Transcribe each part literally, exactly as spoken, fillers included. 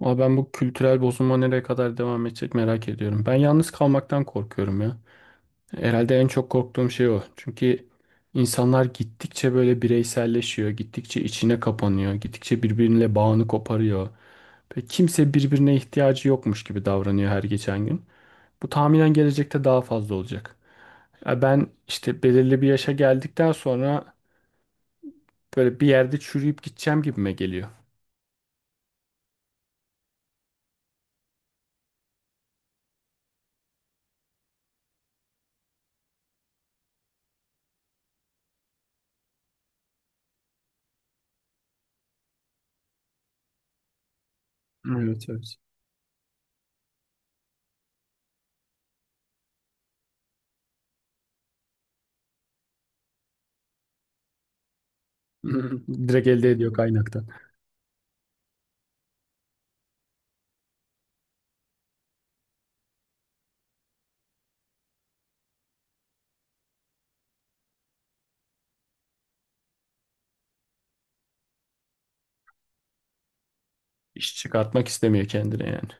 Ama ben bu kültürel bozulma nereye kadar devam edecek merak ediyorum. Ben yalnız kalmaktan korkuyorum ya. Herhalde en çok korktuğum şey o. Çünkü insanlar gittikçe böyle bireyselleşiyor, gittikçe içine kapanıyor, gittikçe birbirine bağını koparıyor. Ve kimse birbirine ihtiyacı yokmuş gibi davranıyor her geçen gün. Bu tahminen gelecekte daha fazla olacak. Ya ben işte belirli bir yaşa geldikten sonra böyle bir yerde çürüyüp gideceğim gibime geliyor. Evet, evet. Direkt elde ediyor kaynakta. İş çıkartmak istemiyor kendine yani.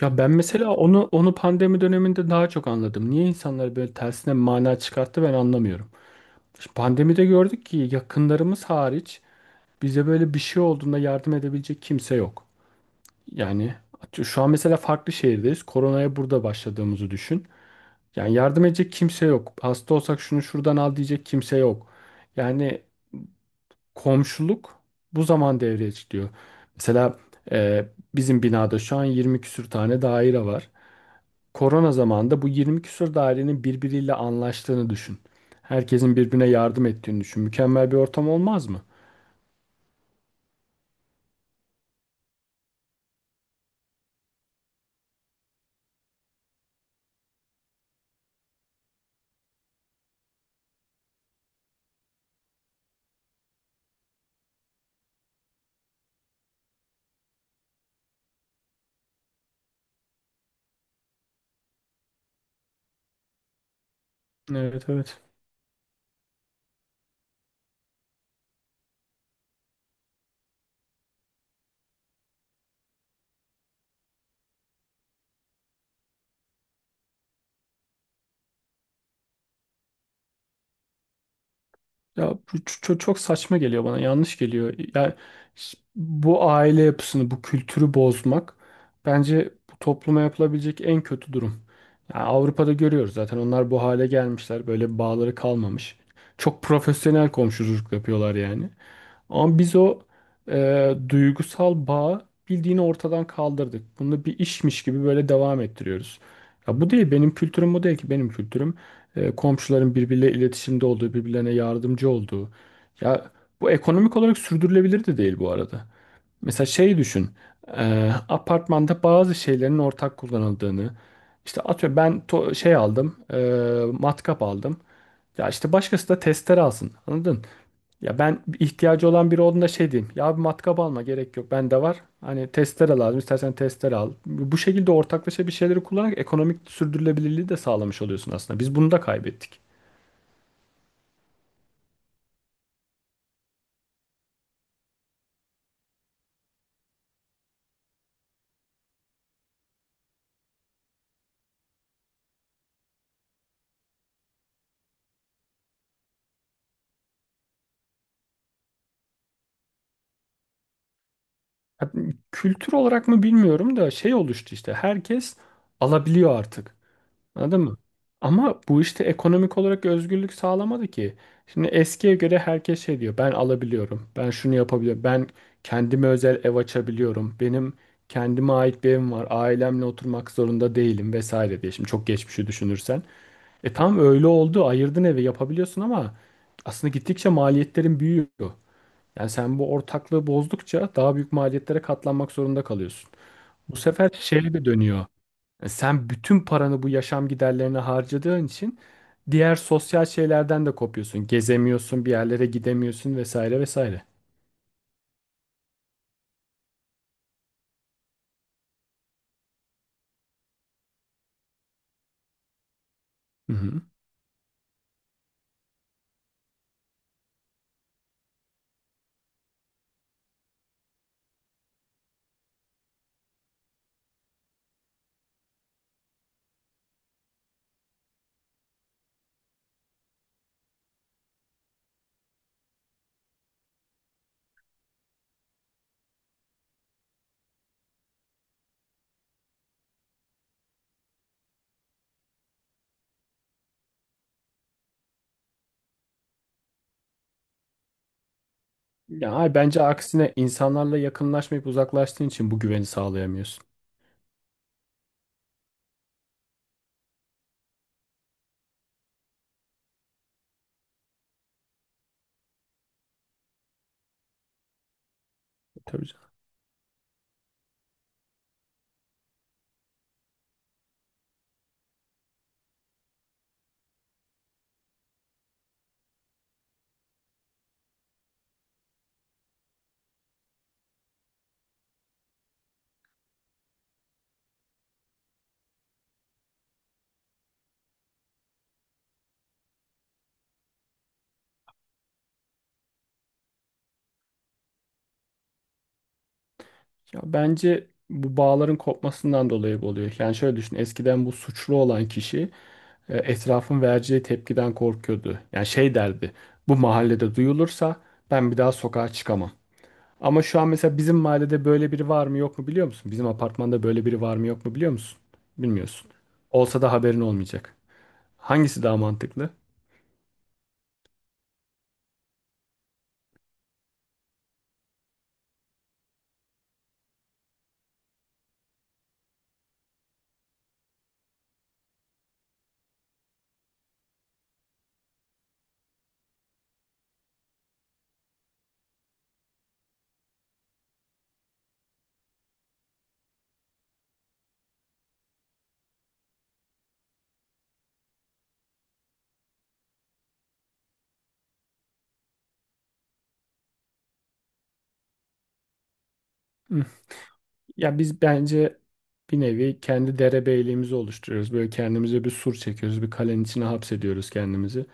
Ya ben mesela onu onu pandemi döneminde daha çok anladım. Niye insanlar böyle tersine mana çıkarttı ben anlamıyorum. Şimdi pandemide gördük ki yakınlarımız hariç bize böyle bir şey olduğunda yardım edebilecek kimse yok. Yani atıyor- şu an mesela farklı şehirdeyiz. Koronaya burada başladığımızı düşün. Yani yardım edecek kimse yok. Hasta olsak şunu şuradan al diyecek kimse yok. Yani komşuluk bu zaman devreye çıkıyor. Mesela e, bizim binada şu an yirmi küsür tane daire var. Korona zamanında bu yirmi küsür dairenin birbiriyle anlaştığını düşün. Herkesin birbirine yardım ettiğini düşün. Mükemmel bir ortam olmaz mı? Evet, evet. Ya bu ç- ç- çok saçma geliyor bana, yanlış geliyor. Ya ş- bu aile yapısını, bu kültürü bozmak bence bu topluma yapılabilecek en kötü durum. Ya Avrupa'da görüyoruz zaten onlar bu hale gelmişler, böyle bağları kalmamış. Çok profesyonel komşuluk yapıyorlar yani. Ama biz o e, duygusal bağı bildiğini ortadan kaldırdık. Bunu bir işmiş gibi böyle devam ettiriyoruz. Ya bu değil benim kültürüm, bu değil ki benim kültürüm, e, komşuların birbirleriyle iletişimde olduğu, birbirlerine yardımcı olduğu. Ya bu ekonomik olarak sürdürülebilir de değil bu arada. Mesela şey düşün. E, apartmanda bazı şeylerin ortak kullanıldığını. İşte atıyorum ben to- şey aldım, e, matkap aldım. Ya işte başkası da testere alsın. Anladın? Ya ben ihtiyacı olan biri olduğunda şey diyeyim. Ya bir matkap alma gerek yok. Bende var. Hani testere lazım. İstersen testere al. Bu şekilde ortaklaşa bir şeyleri kullanarak ekonomik sürdürülebilirliği de sağlamış oluyorsun aslında. Biz bunu da kaybettik. Ya kültür olarak mı bilmiyorum da şey oluştu işte. Herkes alabiliyor artık. Anladın mı? Ama bu işte ekonomik olarak özgürlük sağlamadı ki. Şimdi eskiye göre herkes şey diyor. Ben alabiliyorum. Ben şunu yapabiliyorum. Ben kendime özel ev açabiliyorum. Benim kendime ait bir evim var. Ailemle oturmak zorunda değilim vesaire diye. Şimdi çok geçmişi düşünürsen. E, tam öyle oldu. Ayırdın evi yapabiliyorsun ama aslında gittikçe maliyetlerin büyüyor. Yani sen bu ortaklığı bozdukça daha büyük maliyetlere katlanmak zorunda kalıyorsun. Bu sefer şeye de dönüyor. E, Sen bütün paranı bu yaşam giderlerine harcadığın için diğer sosyal şeylerden de kopuyorsun. Gezemiyorsun, bir yerlere gidemiyorsun vesaire vesaire. Hı hı. Ya ay, bence aksine insanlarla yakınlaşmayıp uzaklaştığın için bu güveni sağlayamıyorsun. Tabii canım. Ya bence bu bağların kopmasından dolayı bu oluyor. Yani şöyle düşün, eskiden bu suçlu olan kişi e, etrafın vereceği tepkiden korkuyordu. Yani şey derdi, bu mahallede duyulursa ben bir daha sokağa çıkamam. Ama şu an mesela bizim mahallede böyle biri var mı yok mu biliyor musun? Bizim apartmanda böyle biri var mı yok mu biliyor musun? Bilmiyorsun. Olsa da haberin olmayacak. Hangisi daha mantıklı? Hı. Ya biz bence bir nevi kendi derebeyliğimizi oluşturuyoruz. Böyle kendimize bir sur çekiyoruz. Bir kalenin içine hapsediyoruz kendimizi.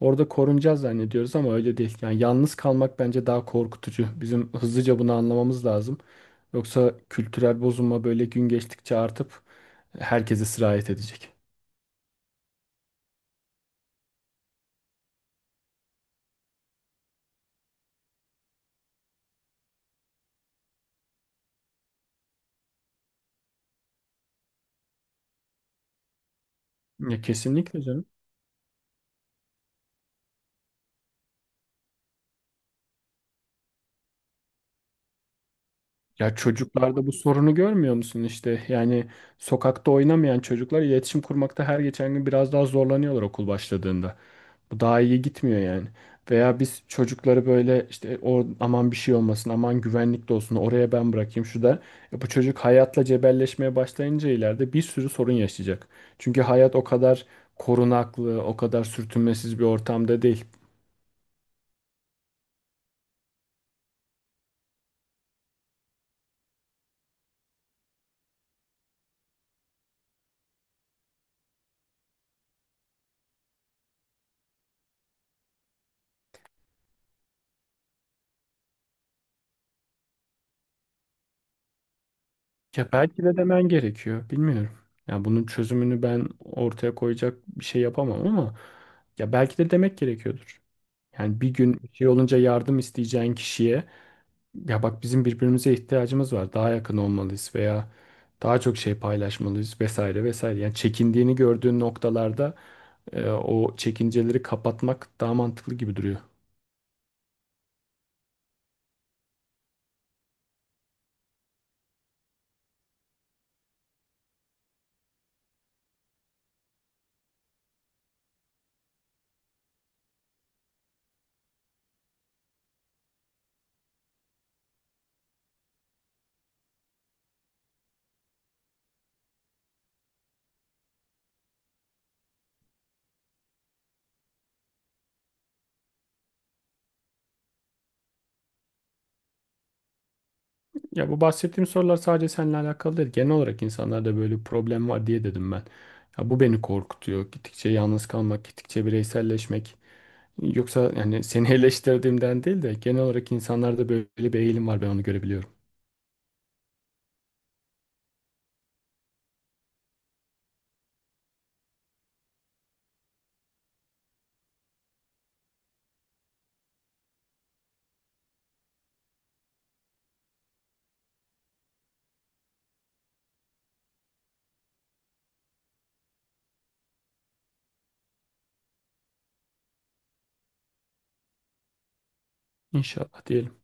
Orada korunacağız zannediyoruz ama öyle değil. Yani yalnız kalmak bence daha korkutucu. Bizim hızlıca bunu anlamamız lazım. Yoksa kültürel bozulma böyle gün geçtikçe artıp herkese sirayet edecek. Ya kesinlikle canım. Ya çocuklarda bu sorunu görmüyor musun işte? Yani sokakta oynamayan çocuklar iletişim kurmakta her geçen gün biraz daha zorlanıyorlar okul başladığında. Bu daha iyi gitmiyor yani. Veya biz çocukları böyle işte o aman bir şey olmasın, aman güvenlikte olsun, oraya ben bırakayım şu da. E, bu çocuk hayatla cebelleşmeye başlayınca ileride bir sürü sorun yaşayacak. Çünkü hayat o kadar korunaklı, o kadar sürtünmesiz bir ortamda değil. Ya belki de demen gerekiyor. Bilmiyorum. Ya bunun çözümünü ben ortaya koyacak bir şey yapamam ama ya belki de demek gerekiyordur. Yani bir gün bir şey olunca yardım isteyeceğin kişiye ya bak bizim birbirimize ihtiyacımız var. Daha yakın olmalıyız veya daha çok şey paylaşmalıyız vesaire vesaire. Yani çekindiğini gördüğün noktalarda e, o çekinceleri kapatmak daha mantıklı gibi duruyor. Ya bu bahsettiğim sorular sadece seninle alakalı değil. Genel olarak insanlarda böyle bir problem var diye dedim ben. Ya bu beni korkutuyor. Gittikçe yalnız kalmak, gittikçe bireyselleşmek. Yoksa yani seni eleştirdiğimden değil de genel olarak insanlarda böyle bir eğilim var, ben onu görebiliyorum. İnşallah diyelim.